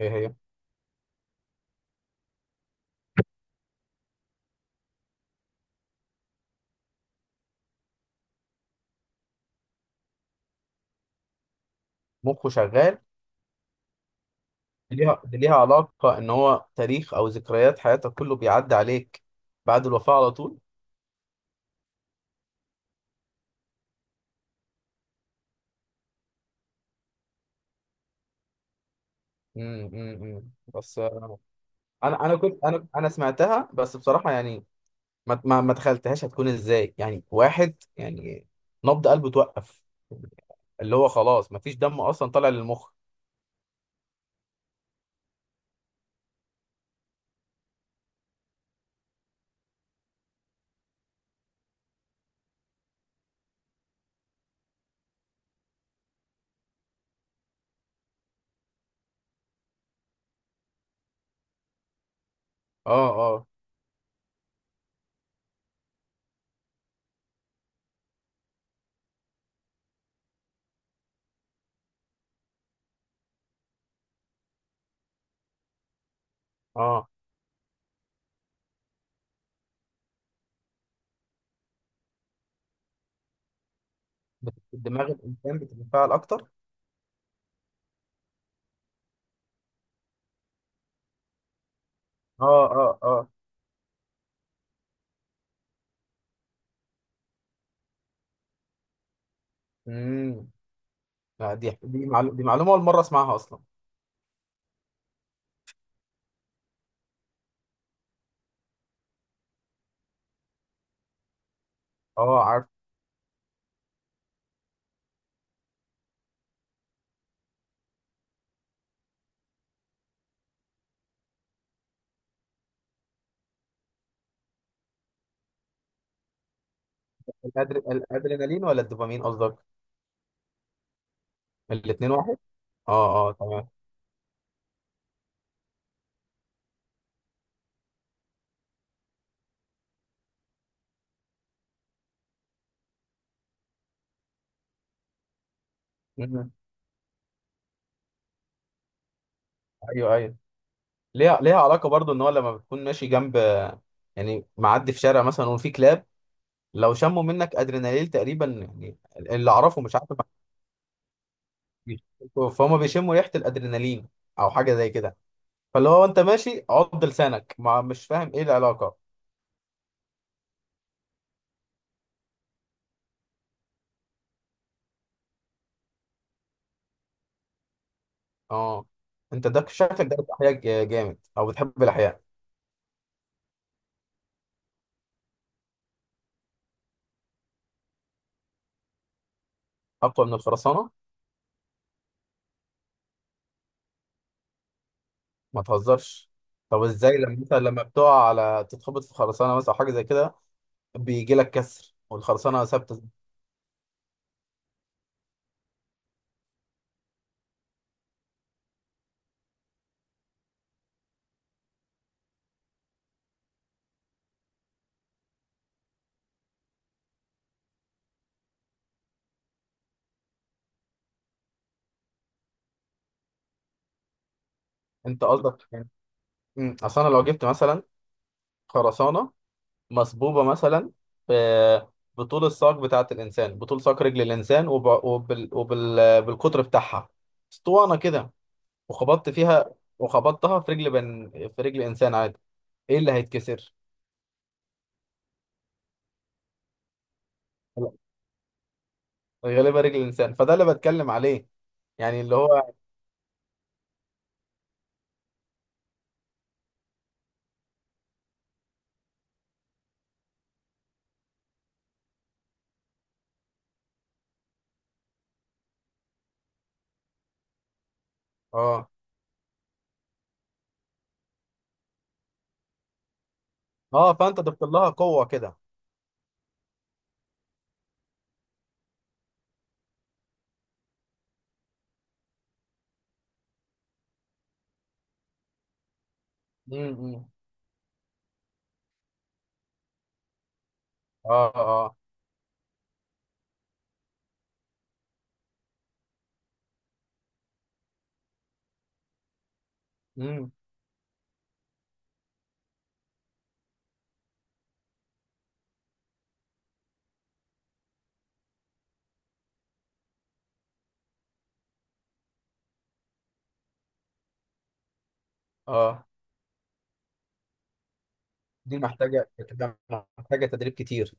هي هي مخه شغال. دي ليها علاقة ان هو تاريخ او ذكريات حياتك كله بيعدي عليك بعد الوفاة على طول. إمم. بس آه، انا انا كنت انا انا سمعتها، بس بصراحة يعني ما تخيلتهاش هتكون ازاي، يعني واحد يعني نبض قلبه توقف، اللي هو خلاص ما فيش دم اصلا طالع للمخ. اه، اه، اه. دماغ الانسان بتتفاعل اكتر. اه، اه، اه. امم. لا، دي معلومة اول مرة اسمعها اصلا. اه، عارف. الادرينالين ولا الدوبامين قصدك؟ الاتنين واحد؟ اه، اه، تمام. مهم. ايوه، ايوه، ليها علاقه برضو ان هو لما بتكون ماشي جنب، يعني معدي في شارع مثلا وفي كلاب، لو شموا منك ادرينالين تقريبا، يعني اللي اعرفه مش عارف. فهم بيشموا ريحه الادرينالين او حاجه زي كده. فاللي هو انت ماشي عض لسانك، ما مش فاهم ايه العلاقه. اه. انت ده شكلك ده احياء جامد او بتحب الاحياء. اقوى من الخرسانه؟ ما تهزرش. طب ازاي لما مثلا، لما بتقع على تتخبط في خرسانه مثلا او حاجه زي كده، بيجي لك كسر والخرسانه ثابته. انت قصدك يعني... اصل انا لو جبت مثلا خرسانه مصبوبه مثلا، ب- بطول ساق رجل الانسان بالقطر بتاعها، اسطوانه كده، وخبطت فيها وخبطتها في رجل انسان عادي، ايه اللي هيتكسر؟ لا، غالبا رجل الانسان، فده اللي بتكلم عليه، يعني اللي هو... اه، اه، فانت ضفت لها قوه كده. امم. اه، اه. امم. اه. دي بتبقى محتاجه تدريب كتير.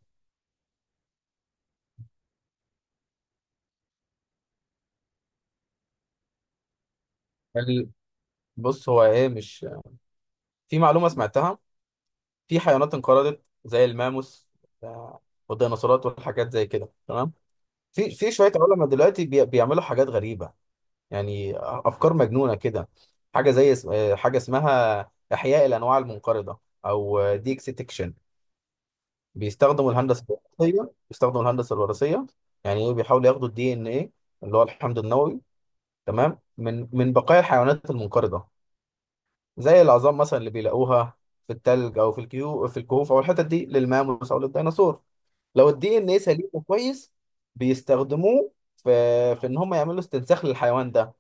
ال- بص هو ايه، مش... في معلومه سمعتها. في حيوانات انقرضت زي الماموس آه، والديناصورات والحاجات زي كده، تمام. في شويه علماء دلوقتي بيعملوا حاجات غريبه، يعني افكار مجنونه كده. حاجه زي اس- آه، حاجه اسمها احياء الانواع المنقرضه، او ديكستكشن. بيستخدموا الهندسه بيستخدموا الهندسه الوراثيه. يعني ايه، بيحاولوا ياخدوا الـDNA اللي هو الحمض النووي، تمام، من بقايا الحيوانات المنقرضه زي العظام مثلا اللي بيلاقوها في التلج او في الكهوف او الحتت دي، للماموس او للديناصور. لو الـDNA سليم وكويس، بيستخدموه في ان هم يعملوا استنساخ للحيوان ده.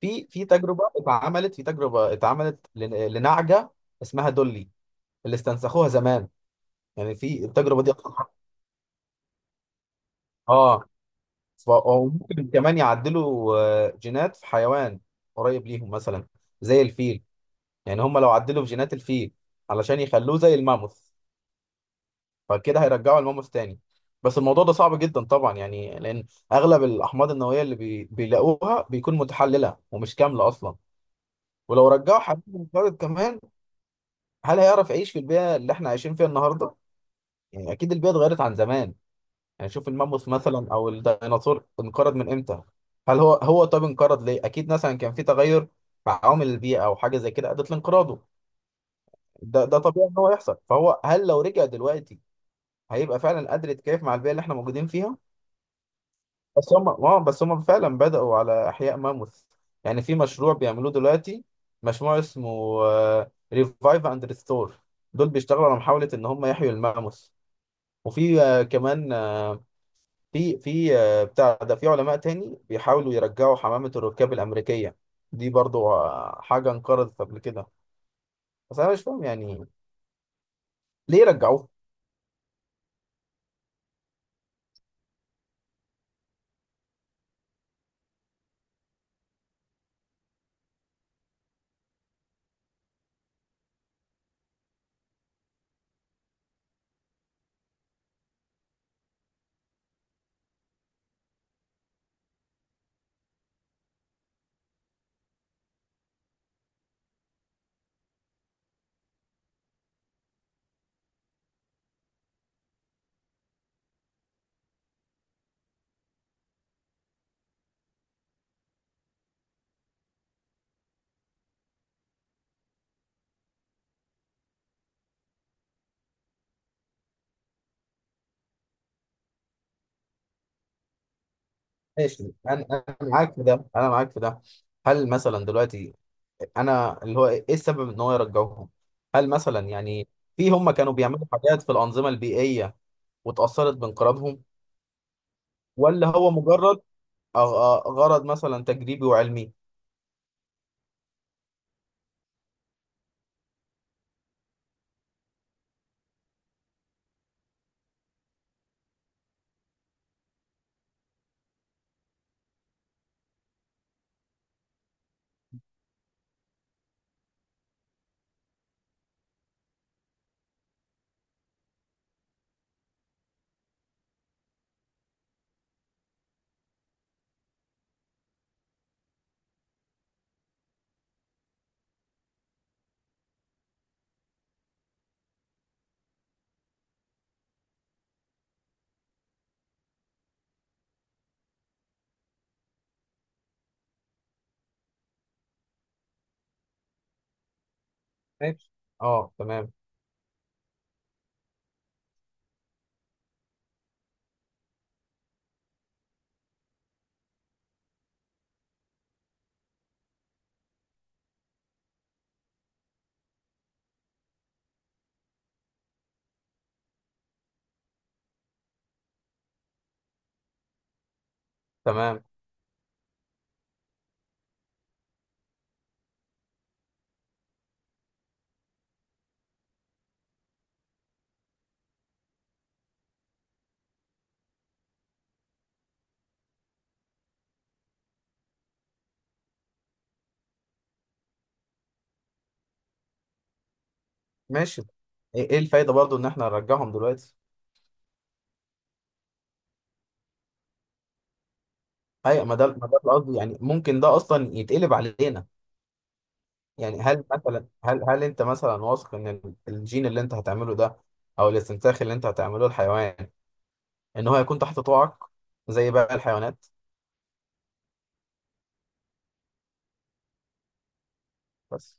في تجربه اتعملت لنعجه اسمها دولي اللي استنسخوها زمان، يعني في التجربه دي أصلاً... اه. أو ممكن كمان يعدلوا جينات في حيوان قريب ليهم مثلا زي الفيل. يعني هم لو عدلوا في جينات الفيل علشان يخلوه زي الماموث، فكده هيرجعوا الماموث تاني. بس الموضوع ده صعب جدا طبعا، يعني لأن أغلب الأحماض النووية اللي بيلاقوها بيكون متحللة ومش كاملة أصلا. ولو رجعوا حبيب منقرض كمان، هل هيعرف يعيش في البيئة اللي احنا عايشين فيها النهاردة؟ يعني أكيد البيئة اتغيرت عن زمان. يعني شوف الماموث مثلا او الديناصور انقرض من امتى. هل هو طب انقرض ليه؟ اكيد مثلا كان في تغير مع عوامل البيئه او حاجه زي كده ادت لانقراضه. ده طبيعي ان هو يحصل، فهو هل لو رجع دلوقتي هيبقى فعلا قادر يتكيف مع البيئه اللي احنا موجودين فيها؟ بس هم فعلا بدأوا على احياء ماموث، يعني في مشروع بيعملوه دلوقتي، مشروع اسمه ريفايف اند ريستور. دول بيشتغلوا على محاوله ان هم يحيوا الماموث. وفي كمان آه، في في آه، بتاع ده في علماء تاني بيحاولوا يرجعوا حمامة الركاب الأمريكية، دي برضو حاجة انقرضت قبل كده. بس أنا مش فاهم يعني ليه رجعوه؟ ماشي. أنا معاك في ده. هل مثلا دلوقتي، أنا اللي هو إيه السبب إن هو يرجعوهم؟ هل مثلا يعني في، هم كانوا بيعملوا حاجات في الأنظمة البيئية واتأثرت بانقراضهم، ولا هو مجرد غرض مثلا تجريبي وعلمي؟ ماشي. اه، تمام. تمام. ماشي. إيه الفايده برضو ان احنا نرجعهم دلوقتي؟ ايوه، ما ده القصد، يعني ممكن ده اصلا يتقلب علينا. يعني هل انت مثلا واثق ان الجين اللي انت هتعمله ده او الاستنساخ اللي انت هتعمله الحيوان، ان هو هيكون تحت طوعك زي باقي الحيوانات؟ بس